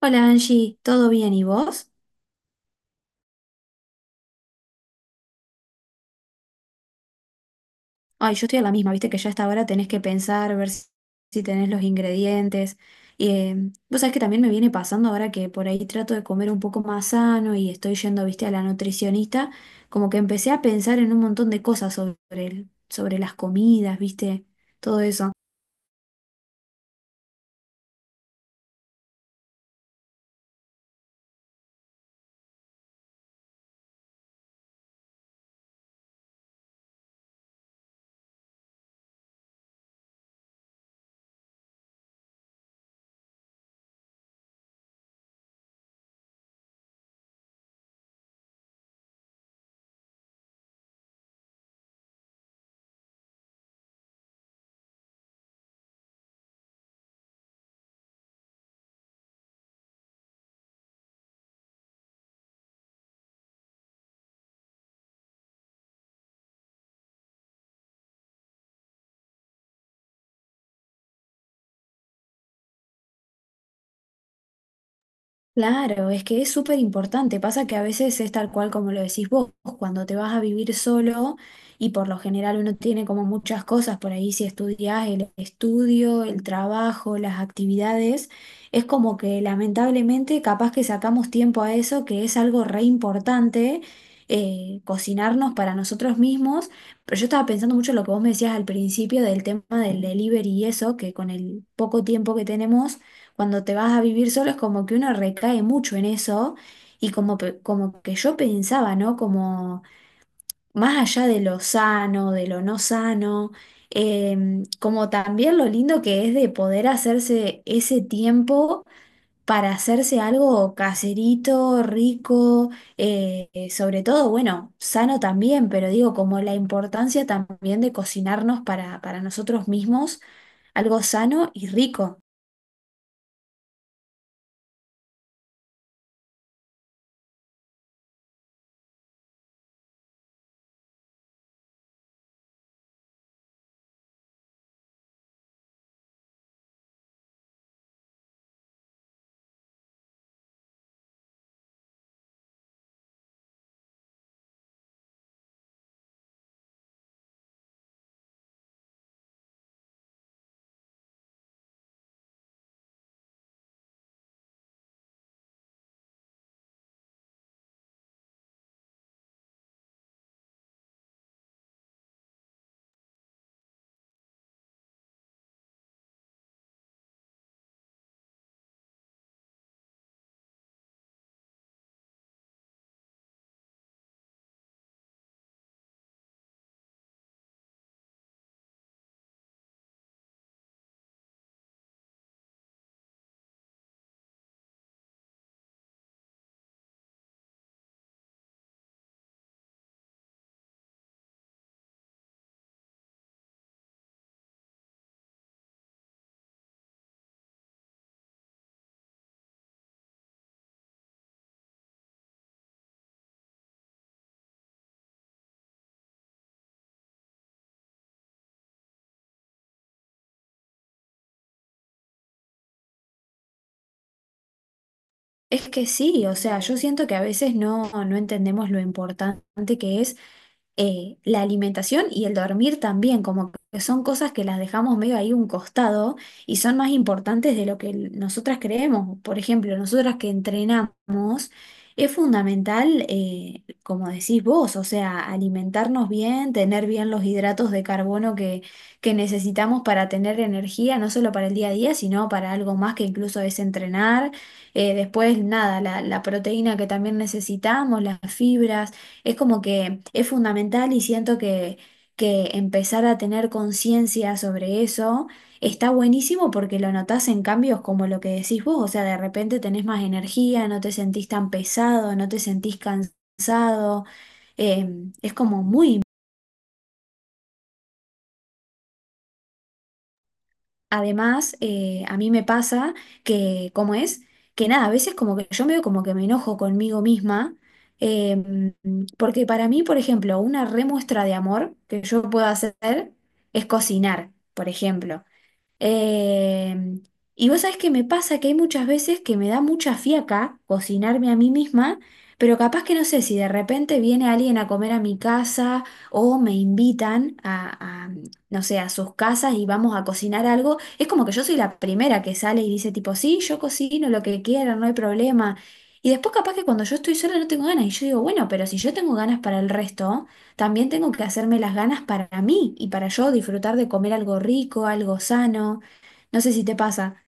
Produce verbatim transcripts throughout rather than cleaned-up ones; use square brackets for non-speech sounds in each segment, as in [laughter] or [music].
Hola Angie, ¿todo bien y vos? Ay, yo estoy a la misma, viste que ya hasta ahora tenés que pensar, ver si si tenés los ingredientes. Y, eh, Vos sabés que también me viene pasando ahora que por ahí trato de comer un poco más sano y estoy yendo, viste, a la nutricionista, como que empecé a pensar en un montón de cosas sobre el- sobre las comidas, viste, todo eso. Claro, es que es súper importante. Pasa que a veces es tal cual como lo decís vos, cuando te vas a vivir solo y por lo general uno tiene como muchas cosas por ahí, si estudias el estudio, el trabajo, las actividades, es como que lamentablemente capaz que sacamos tiempo a eso, que es algo re importante, eh, cocinarnos para nosotros mismos. Pero yo estaba pensando mucho en lo que vos me decías al principio del tema del delivery y eso, que con el poco tiempo que tenemos cuando te vas a vivir solo es como que uno recae mucho en eso y como, pe- como que yo pensaba, ¿no? Como más allá de lo sano, de lo no sano, em, como también lo lindo que es de poder hacerse ese tiempo para hacerse algo caserito, rico, eh, eh, sobre todo, bueno, sano también, pero digo, como la importancia también de cocinarnos para, para nosotros mismos, algo sano y rico. Es que sí, o sea, yo siento que a veces no, no entendemos lo importante que es eh, la alimentación y el dormir también, como que son cosas que las dejamos medio ahí un costado y son más importantes de lo que nosotras creemos. Por ejemplo, nosotras que entrenamos, es fundamental, eh, como decís vos, o sea, alimentarnos bien, tener bien los hidratos de carbono que, que necesitamos para tener energía, no solo para el día a día, sino para algo más que incluso es entrenar. Eh, después, nada, la, la proteína que también necesitamos, las fibras, es como que es fundamental y siento que, que empezar a tener conciencia sobre eso está buenísimo porque lo notás en cambios como lo que decís vos, o sea, de repente tenés más energía, no te sentís tan pesado, no te sentís cansado, eh, es como muy. Además, eh, a mí me pasa que, ¿cómo es? Que nada, a veces como que yo me veo como que me enojo conmigo misma, eh, porque para mí, por ejemplo, una remuestra de amor que yo puedo hacer es cocinar, por ejemplo. Em, y vos sabés que me pasa que hay muchas veces que me da mucha fiaca cocinarme a mí misma, pero capaz que no sé si de repente viene alguien a comer a mi casa o me invitan a, a, no sé, a sus casas y vamos a cocinar algo. Es como que yo soy la primera que sale y dice tipo, sí, yo cocino lo que quieran, no hay problema. Y después capaz que cuando yo estoy sola no tengo ganas y yo digo, bueno, pero si yo tengo ganas para el resto también tengo que hacerme las ganas para mí y para yo disfrutar de comer algo rico, algo sano. No sé si te pasa.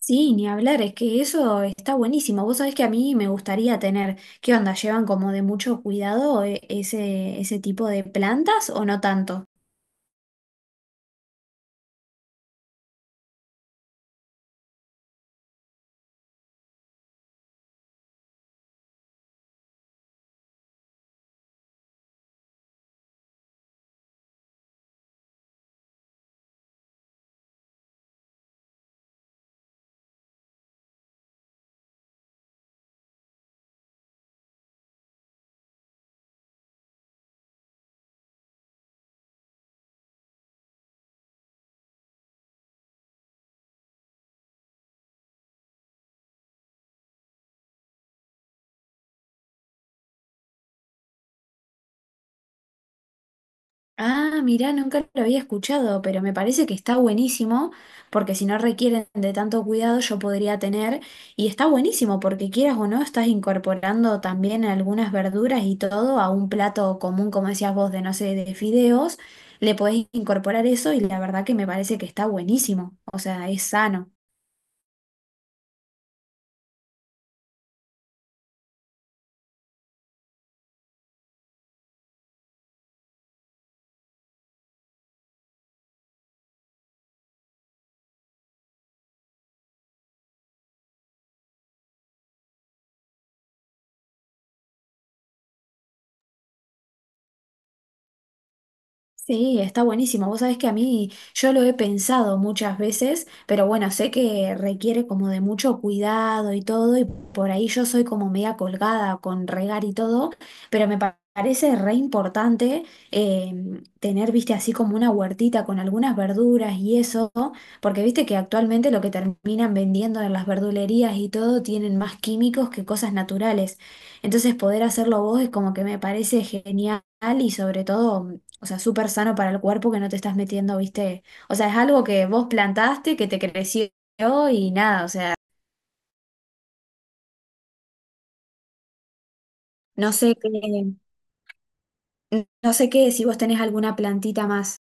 Sí, ni hablar, es que eso está buenísimo. Vos sabés que a mí me gustaría tener, ¿qué onda? ¿Llevan como de mucho cuidado eh, ese, ese tipo de plantas o no tanto? Ah, mirá, nunca lo había escuchado, pero me parece que está buenísimo, porque si no requieren de tanto cuidado, yo podría tener, y está buenísimo, porque quieras o no, estás incorporando también algunas verduras y todo a un plato común, como decías vos, de no sé, de fideos, le podés incorporar eso y la verdad que me parece que está buenísimo, o sea, es sano. Sí, está buenísimo. Vos sabés que a mí yo lo he pensado muchas veces, pero bueno, sé que requiere como de mucho cuidado y todo, y por ahí yo soy como media colgada con regar y todo, pero me pa- parece re importante eh, tener, viste, así como una huertita con algunas verduras y eso, porque viste que actualmente lo que terminan vendiendo en las verdulerías y todo tienen más químicos que cosas naturales. Entonces poder hacerlo vos es como que me parece genial y sobre todo... O sea, súper sano para el cuerpo que no te estás metiendo, ¿viste? O sea, es algo que vos plantaste, que te creció y nada, o sea, no sé qué, no sé qué, si vos tenés alguna plantita más.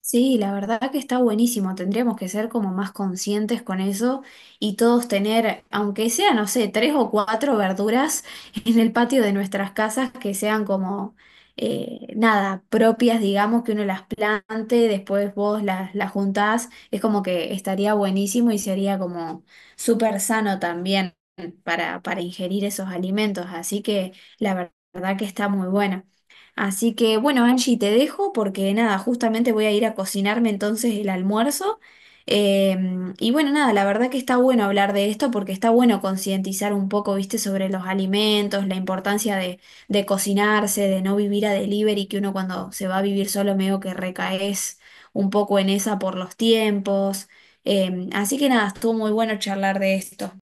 Sí, la verdad que está buenísimo. Tendríamos que ser como más conscientes con eso y todos tener, aunque sea, no sé, tres o cuatro verduras [laughs] en el patio de nuestras casas que sean como, eh, nada, propias, digamos, que uno las plante, después vos las, las juntás. Es como que estaría buenísimo y sería como súper sano también para, para ingerir esos alimentos. Así que la ver- verdad que está muy bueno. Así que bueno, Angie, te dejo porque nada, justamente voy a ir a cocinarme entonces el almuerzo. Em, y bueno, nada, la verdad que está bueno hablar de esto porque está bueno concientizar un poco, viste, sobre los alimentos, la importancia de, de cocinarse, de no vivir a delivery, que uno cuando se va a vivir solo medio que recaes un poco en esa por los tiempos. Em, así que nada, estuvo muy bueno charlar de esto.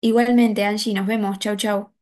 Igualmente, Angie, nos vemos. Chau, chau.